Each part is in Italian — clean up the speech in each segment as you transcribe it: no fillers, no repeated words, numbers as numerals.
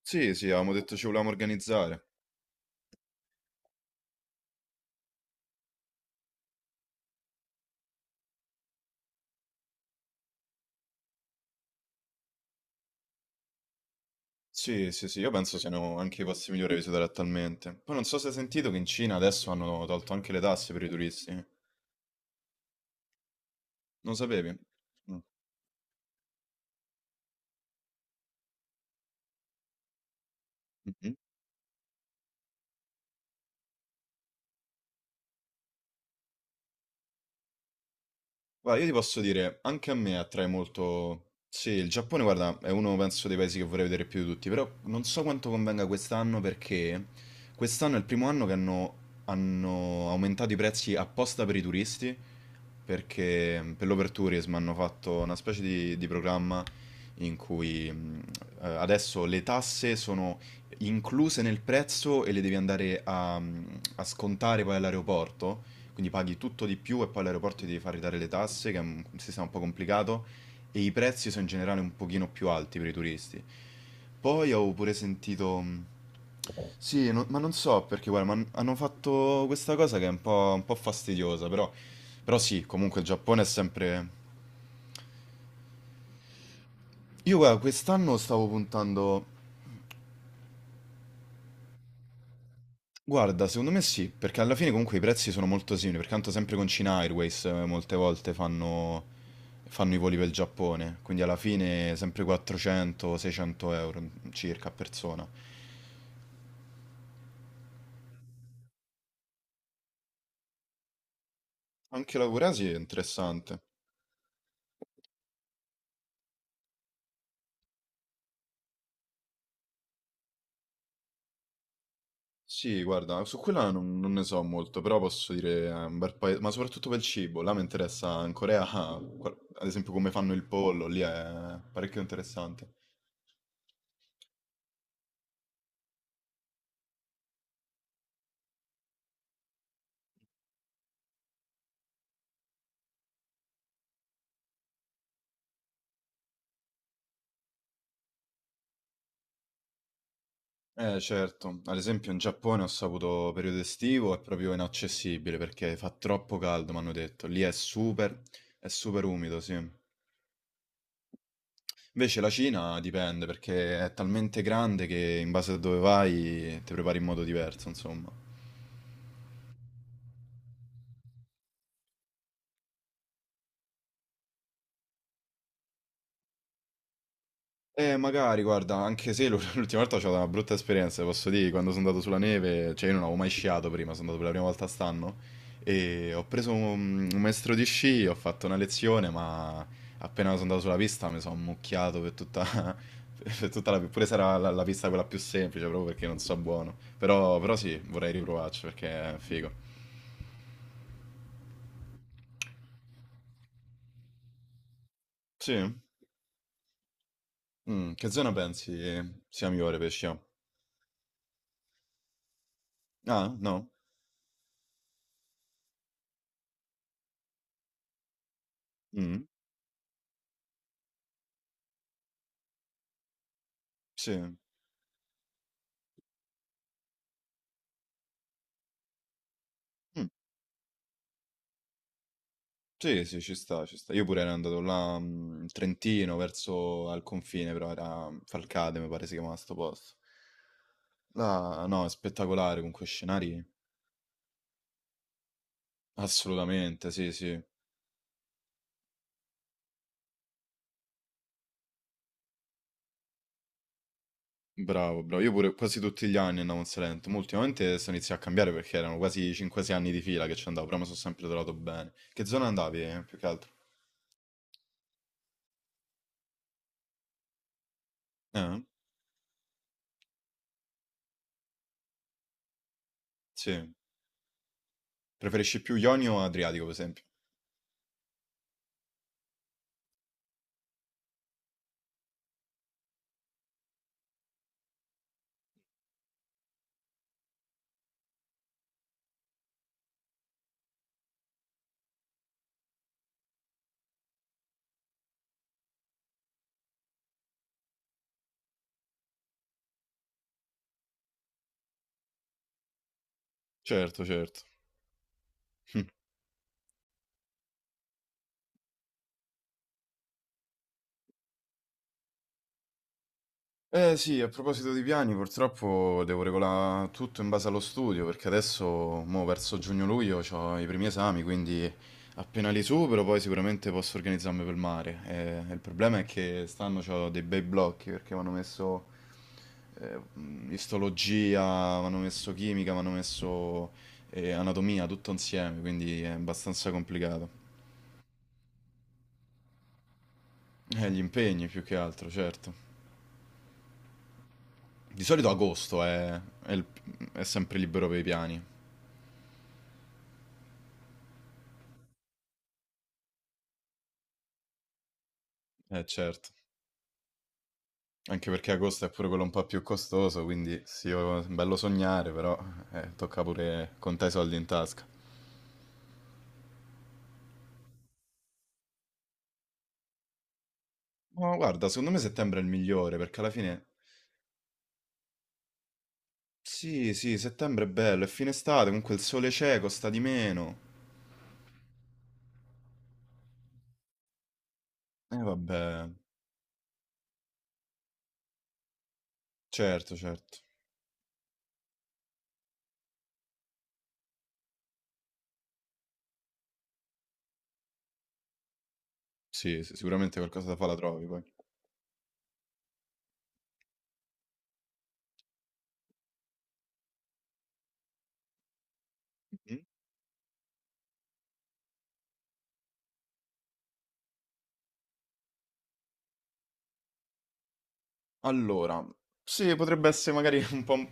Sì, sì, avevamo detto ci volevamo organizzare. Sì, sì, sì, io penso siano anche i posti migliori da visitare attualmente. Poi non so se hai sentito che in Cina adesso hanno tolto anche le tasse per i turisti. Non lo sapevi? Mm. Guarda, io ti posso dire, anche a me attrae molto. Sì, il Giappone, guarda, è uno, penso, dei paesi che vorrei vedere più di tutti, però non so quanto convenga quest'anno perché quest'anno è il primo anno che hanno aumentato i prezzi apposta per i turisti, perché per l'overtourism hanno fatto una specie di programma in cui adesso le tasse sono incluse nel prezzo e le devi andare a scontare poi all'aeroporto, quindi paghi tutto di più e poi all'aeroporto ti devi far ridare le tasse, che è un sistema un po' complicato, e i prezzi sono in generale un pochino più alti per i turisti. Poi ho pure sentito. Sì, ma non so perché, guarda, ma hanno fatto questa cosa che è un po' fastidiosa, però sì, comunque il Giappone è sempre. Io, guarda, quest'anno stavo puntando. Guarda, secondo me sì, perché alla fine comunque i prezzi sono molto simili, perché tanto sempre con China Airways molte volte fanno i voli per il Giappone, quindi alla fine sempre 400-600 euro circa a persona. Anche la Corea sì, è interessante. Sì, guarda, su quella non ne so molto, però posso dire è un bel paese, ma soprattutto per il cibo, là mi interessa in Corea, ah, ad esempio come fanno il pollo, lì è parecchio interessante. Eh certo, ad esempio in Giappone ho saputo periodo estivo è proprio inaccessibile perché fa troppo caldo, mi hanno detto. Lì è super umido, sì. Invece la Cina dipende perché è talmente grande che in base a dove vai ti prepari in modo diverso, insomma. Magari, guarda, anche se l'ultima volta ho avuto una brutta esperienza, posso dire, quando sono andato sulla neve, cioè io non avevo mai sciato prima, sono andato per la prima volta stanno e ho preso un maestro di sci, ho fatto una lezione, ma appena sono andato sulla pista mi sono ammucchiato per tutta, per tutta la, pure se era la pista quella più semplice, proprio perché non so buono. Però, però sì, vorrei riprovarci perché è figo. Sì? Mm, che zona pensi sia migliore per sciare? Ah, no? Mm, sì. Sì, sì, ci sta, ci sta. Io pure ero andato là in Trentino, verso al confine, però era Falcade, mi pare si chiamava sto posto. Là, no, è spettacolare con quei scenari. Assolutamente, sì, sì. Bravo, bravo. Io pure quasi tutti gli anni andavo in Salento, ma ultimamente sto iniziando a cambiare perché erano quasi 5-6 anni di fila che ci andavo, però mi sono sempre trovato bene. Che zona andavi, più che altro? Eh? Sì. Preferisci più Ionio o Adriatico, per esempio? Certo, certo. Eh sì, a proposito di piani, purtroppo devo regolare tutto in base allo studio, perché adesso, mo, verso giugno-luglio, ho i primi esami, quindi appena li supero poi sicuramente posso organizzarmi per il mare. Il problema è che stanno ho dei bei blocchi, perché mi hanno messo istologia, mi hanno messo chimica, mi hanno messo anatomia, tutto insieme, quindi è abbastanza complicato. Gli impegni più che altro, certo. Di solito agosto è è sempre libero per i piani. Eh certo, anche perché agosto è pure quello un po' più costoso, quindi sì, oh, è bello sognare, però tocca pure contare i soldi in tasca. Ma guarda, secondo me settembre è il migliore, perché alla fine. Sì, sì, settembre è bello, è fine estate, comunque il sole c'è, costa di meno. Eh vabbè, certo, certo. Sì, sì, sicuramente qualcosa da fare la trovi poi. Mm? Allora, sì, potrebbe essere magari un po'.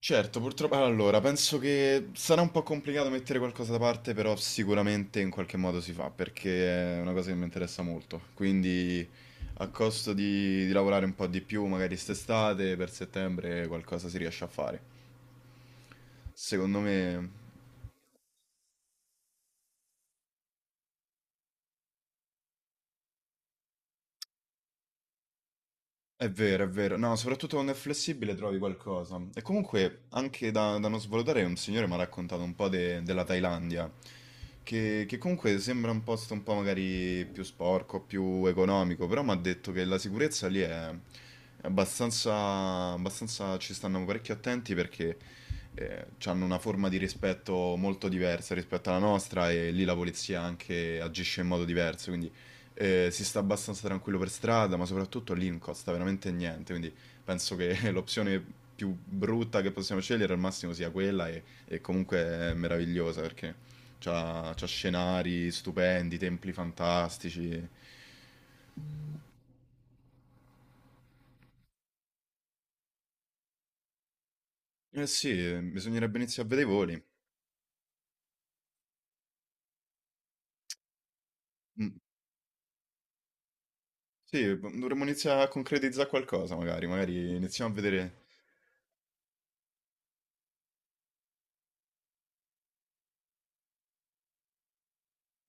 Certo, purtroppo. Allora, penso che sarà un po' complicato mettere qualcosa da parte, però sicuramente in qualche modo si fa, perché è una cosa che mi interessa molto. Quindi, a costo di lavorare un po' di più, magari st'estate, per settembre, qualcosa si riesce a fare. Secondo me. È vero, è vero. No, soprattutto quando è flessibile trovi qualcosa. E comunque, anche da non svalutare, un signore mi ha raccontato un po' della Thailandia, che comunque sembra un posto un po' magari più sporco, più economico, però mi ha detto che la sicurezza lì è abbastanza... Ci stanno parecchio attenti perché hanno una forma di rispetto molto diversa rispetto alla nostra e lì la polizia anche agisce in modo diverso, quindi si sta abbastanza tranquillo per strada, ma soprattutto lì non costa veramente niente, quindi penso che l'opzione più brutta che possiamo scegliere al massimo sia quella e comunque è meravigliosa perché c'ha scenari stupendi, templi fantastici. Eh sì, bisognerebbe iniziare a vedere i voli. Mm. Sì, dovremmo iniziare a concretizzare qualcosa, magari magari iniziamo a vedere.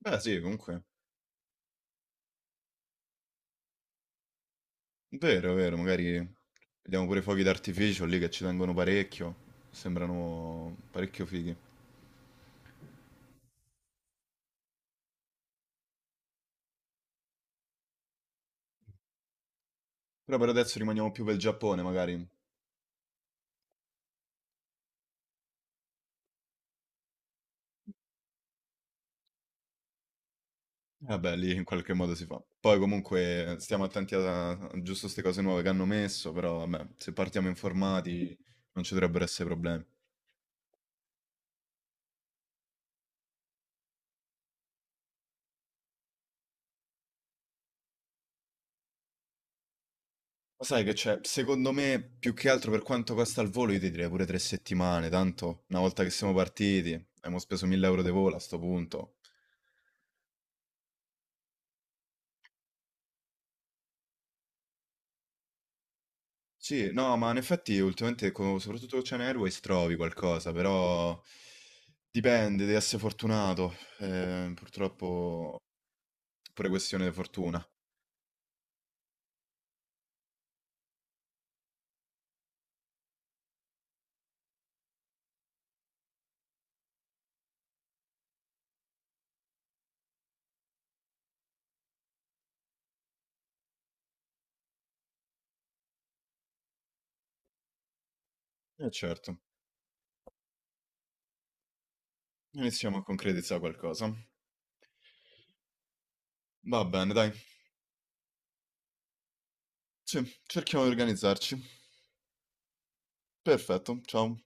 Beh sì, comunque. Vero, vero, magari vediamo pure i fuochi d'artificio lì che ci tengono parecchio, sembrano parecchio fighi. Però per adesso rimaniamo più per il Giappone, magari. Vabbè, lì in qualche modo si fa. Poi comunque stiamo attenti a giusto queste cose nuove che hanno messo, però vabbè, se partiamo informati non ci dovrebbero essere problemi. Ma sai che c'è? Secondo me, più che altro per quanto costa il volo, io ti direi pure 3 settimane, tanto una volta che siamo partiti, abbiamo speso 1000 euro di volo a sto punto. Sì, no, ma in effetti ultimamente, soprattutto con Ocean Airways, trovi qualcosa, però dipende, devi essere fortunato. Purtroppo è pure questione di fortuna. E certo, iniziamo a concretizzare qualcosa. Va bene, dai. Sì, cerchiamo di organizzarci. Perfetto, ciao.